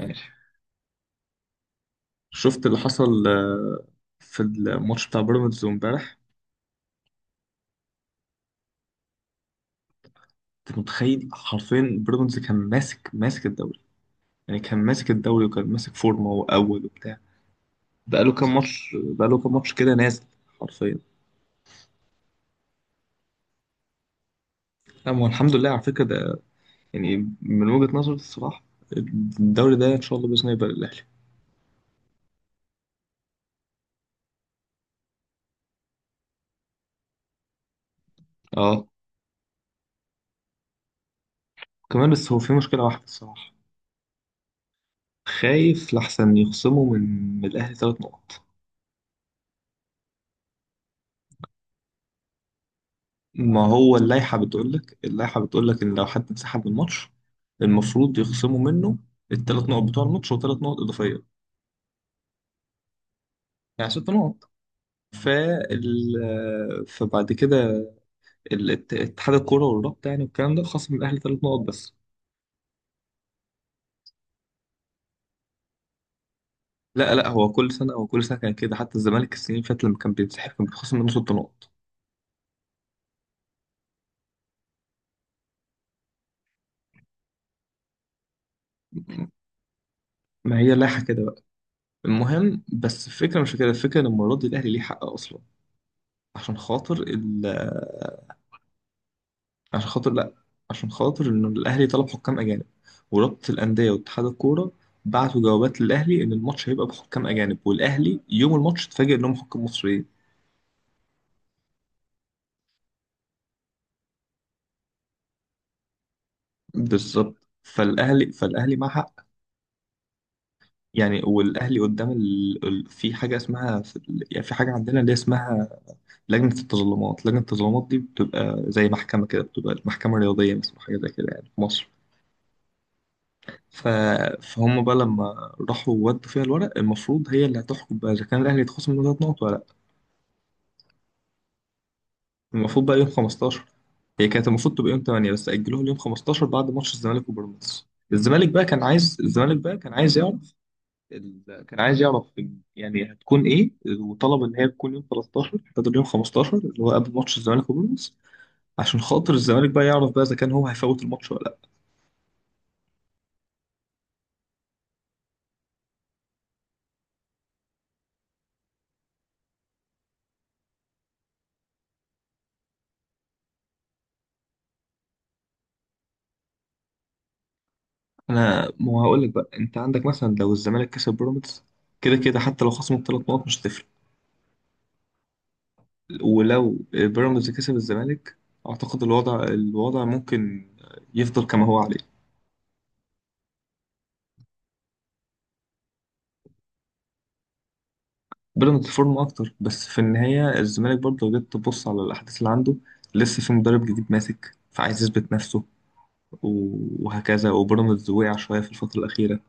ماشي. شفت اللي حصل في الماتش بتاع بيراميدز امبارح؟ انت متخيل حرفيا بيراميدز كان ماسك الدوري، يعني كان ماسك الدوري وكان ماسك فورمه واول وبتاع. بقاله كام ماتش كده نازل حرفيا. لا، ما هو الحمد لله على فكره ده، يعني، من وجهه نظري الصراحه، الدوري ده ان شاء الله باذن الله يبقى للاهلي. اه، كمان بس هو في مشكله واحده الصراحه. خايف لحسن يخصموا من الاهلي ثلاث نقط. ما هو اللائحة بتقول لك، إن لو حد انسحب من الماتش المفروض يخصموا منه الثلاث نقط بتوع الماتش وثلاث نقط إضافية، يعني ست نقط. فال... فبعد كده اتحاد الكورة والرابطة، يعني والكلام ده، خصم الأهلي ثلاث نقط بس. لا لا، هو كل سنة، كان كده، حتى الزمالك السنين اللي فاتت لما كان بينسحب كان بيتخصم منه ست نقط. ما هي اللائحة كده بقى. المهم، بس الفكرة مش كده، الفكرة إن المرة دي الأهلي ليه حق أصلا، عشان خاطر، عشان خاطر لا، عشان خاطر ان الاهلي طلب حكام اجانب، ورابطه الانديه واتحاد الكوره بعتوا جوابات للاهلي ان الماتش هيبقى بحكام اجانب، والاهلي يوم الماتش اتفاجئ انهم حكام مصريين. بالظبط. فالاهلي معاه حق. يعني والاهلي قدام في حاجه اسمها، يعني في حاجه عندنا اللي اسمها لجنه التظلمات. دي بتبقى زي محكمه كده، بتبقى محكمه رياضيه مثلا، حاجه زي كده يعني في مصر. ف... فهم بقى لما راحوا ودوا فيها الورق، المفروض هي اللي هتحكم بقى اذا كان الاهلي يتخصم منه ثلاث نقط ولا. المفروض بقى يوم 15، هي كانت المفروض تبقى يوم 8 بس أجلوها ليوم 15 بعد ماتش الزمالك وبيراميدز. الزمالك بقى كان عايز، يعرف ال... كان عايز يعرف يعني هتكون ايه، وطلب ان هي تكون يوم 13 بدل يوم 15، اللي هو قبل ماتش الزمالك وبيراميدز، عشان خاطر الزمالك بقى يعرف بقى اذا كان هو هيفوت الماتش ولا لا. انا ما هقول لك بقى، انت عندك مثلا لو الزمالك كسب بيراميدز، كده كده حتى لو خصموا ثلاث نقط مش هتفرق. ولو بيراميدز كسب الزمالك، اعتقد الوضع ممكن يفضل كما هو عليه. بيراميدز فورمه اكتر، بس في النهايه الزمالك برضه لو جيت تبص على الاحداث اللي عنده، لسه في مدرب جديد ماسك فعايز يثبت نفسه وهكذا. وبيراميدز وقع شويه في الفتره الاخيره،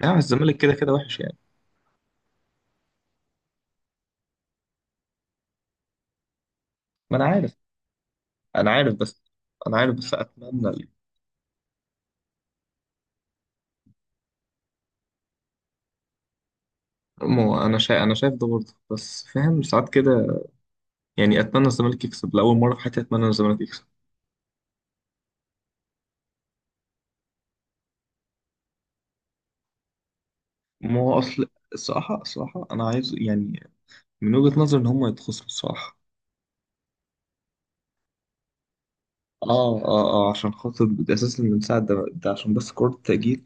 يعني الزمالك كده كده وحش يعني. ما انا عارف، انا عارف بس، انا عارف بس اتمنى. ما انا شايف، انا شايف ده برضه، بس فاهم ساعات كده. يعني اتمنى الزمالك يكسب، لاول مره في حياتي اتمنى الزمالك يكسب. ما هو اصل، الصراحه الصراحه انا عايز يعني، من وجهه نظري ان هم يتخصموا الصراحه. اه اه اه، عشان خاطر اساسا من ساعه ده، عشان بس كره التأجيل.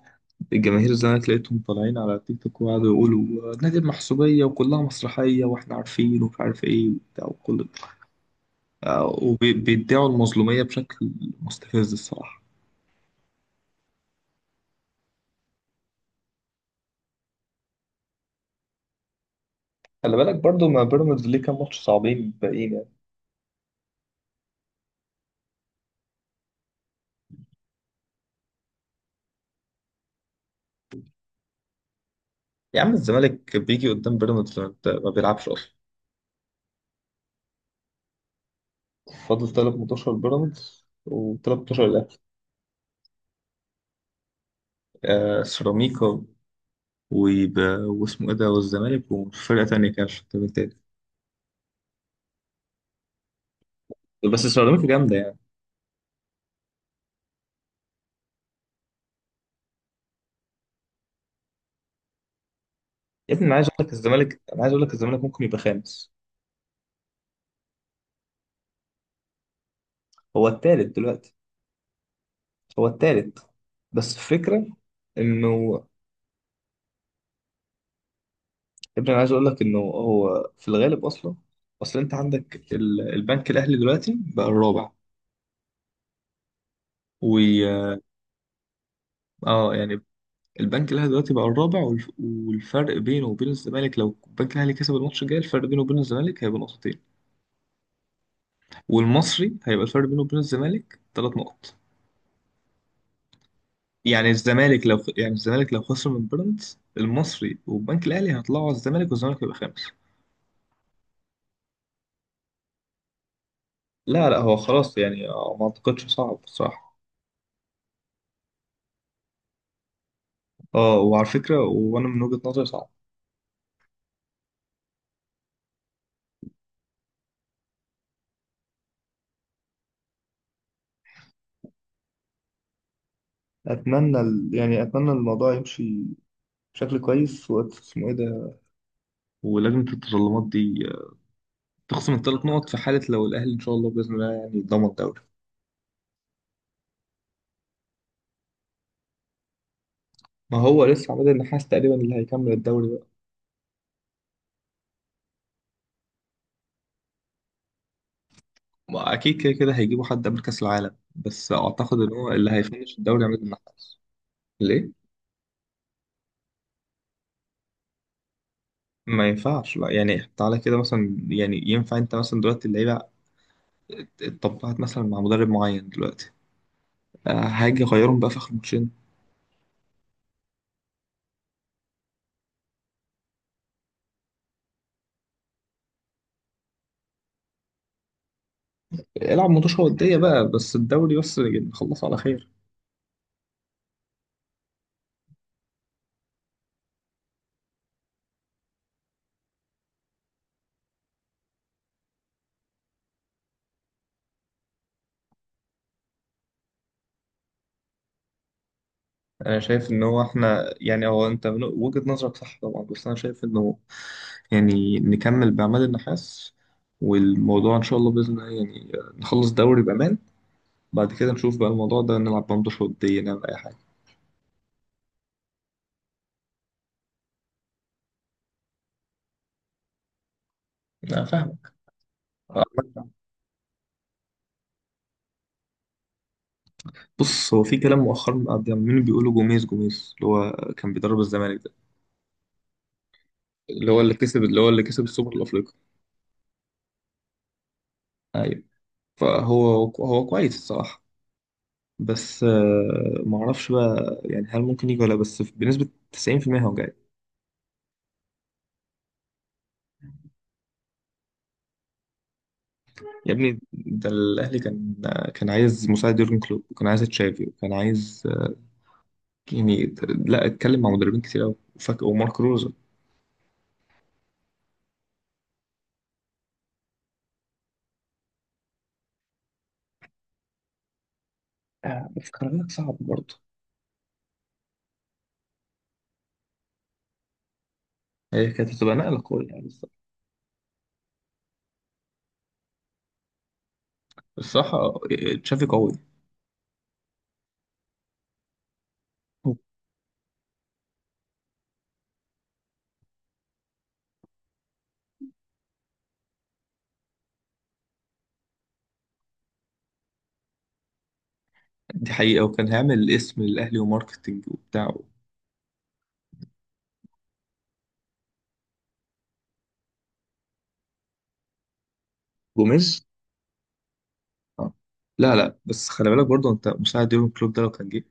الجماهير الزمالك لقيتهم طالعين على تيك توك وقعدوا يقولوا نادي المحسوبيه وكلها مسرحيه واحنا عارفين ومش عارف ايه وبتاع وكل ده، وبيدعوا المظلوميه بشكل مستفز الصراحه. خلي بالك برضو، ما بيراميدز ليه كام ماتش صعبين باقيين يعني. يا عم، الزمالك بيجي قدام بيراميدز ما بيلعبش اصلا. فاضل تلات ماتشات بيراميدز وتلات ماتشات الأهلي. آه، سيراميكا، ويبقى واسمه إيه ده، والزمالك، وفرقة تانية كده مش فاكر مين تاني. بس سيراميكا جامدة يعني. يا ابني، أنا عايز أقول لك الزمالك، ممكن يبقى خامس. هو التالت دلوقتي. هو التالت. بس الفكرة إنه، يا ابني أنا عايز أقول لك إنه هو في الغالب أصلا، أصل أنت عندك البنك الأهلي دلوقتي بقى الرابع. و يعني، البنك الاهلي دلوقتي بقى الرابع، والفرق بينه وبين الزمالك لو البنك الاهلي كسب الماتش الجاي، الفرق بينه وبين الزمالك هيبقى نقطتين. والمصري هيبقى الفرق بينه وبين الزمالك ثلاث نقط. يعني الزمالك لو، خسر من بيراميدز، المصري والبنك الاهلي هيطلعوا على الزمالك والزمالك هيبقى خامس. لا لا، هو خلاص يعني ما اعتقدش صعب بصراحة. اه، وعلى فكرة، وانا من وجهة نظري صعب. اتمنى يعني اتمنى الموضوع يمشي بشكل كويس، وقت اسمه ايه ده، ولجنة التظلمات دي، تخصم الثلاث نقط في حالة لو الأهلي إن شاء الله بإذن الله يعني ضمن الدوري. ما هو لسه عماد النحاس تقريبا اللي هيكمل الدوري بقى. ما أكيد كده كده هيجيبوا حد قبل كأس العالم، بس أعتقد إن هو اللي هيفنش الدوري عماد النحاس. ليه؟ ما ينفعش، لا، يعني تعالى كده مثلا، يعني ينفع أنت مثلا دلوقتي اللعيبة اتطبعت مثلا مع مدرب معين دلوقتي، هاجي أغيرهم بقى في آخر ماتشين؟ العب ماتش ودية بقى، بس الدوري بس يعني نخلصه على خير. انا شايف ان هو احنا، يعني هو، انت من وجهة نظرك صح طبعا، بس انا شايف انه يعني نكمل باعمال النحاس، والموضوع ان شاء الله باذن الله يعني نخلص دوري بامان، بعد كده نشوف بقى الموضوع ده، نلعب بندش ودية نعمل اي حاجه. انا فاهمك. بص، هو في كلام مؤخرا قاعد عمالين بيقولوا جوميز، جوميز اللي هو كان بيدرب الزمالك ده، اللي هو اللي كسب، السوبر الافريقي. ايوه. فهو هو كويس الصراحه. بس معرفش بقى، يعني هل ممكن يجي ولا لأ، بس بنسبه 90% هو. يا ابني، ده الاهلي كان، كان عايز مساعد يورجن كلوب، وكان عايز تشافي، وكان عايز يعني، لا، اتكلم مع مدربين كتير قوي، وفاك، ومارك روزا. آه، بس خلي بالك صعب برضه. هي كانت هتبقى نقله قويه يعني الصراحه. الصراحة، تشافي قوي. دي حقيقه، وكان هيعمل اسم للاهلي وماركتنج وبتاع. جوميز. آه. لا لا، بس خلي بالك برضه، انت مساعد يورجن كلوب ده لو كان جه،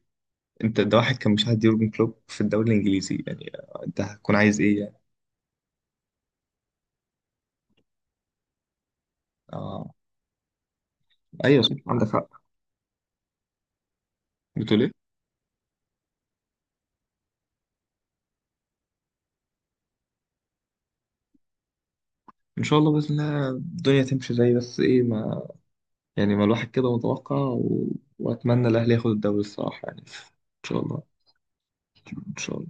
انت ده واحد كان مساعد يورجن كلوب في الدوري الانجليزي، يعني انت هتكون عايز ايه يعني. اه ايوه صح، عندك حق. بتقول ايه؟ ان شاء الله باذن الله الدنيا تمشي زي، بس ايه ما، يعني ما الواحد كده متوقع واتمنى الاهلي ياخد الدوري الصراحه، يعني ان شاء الله، ان شاء الله.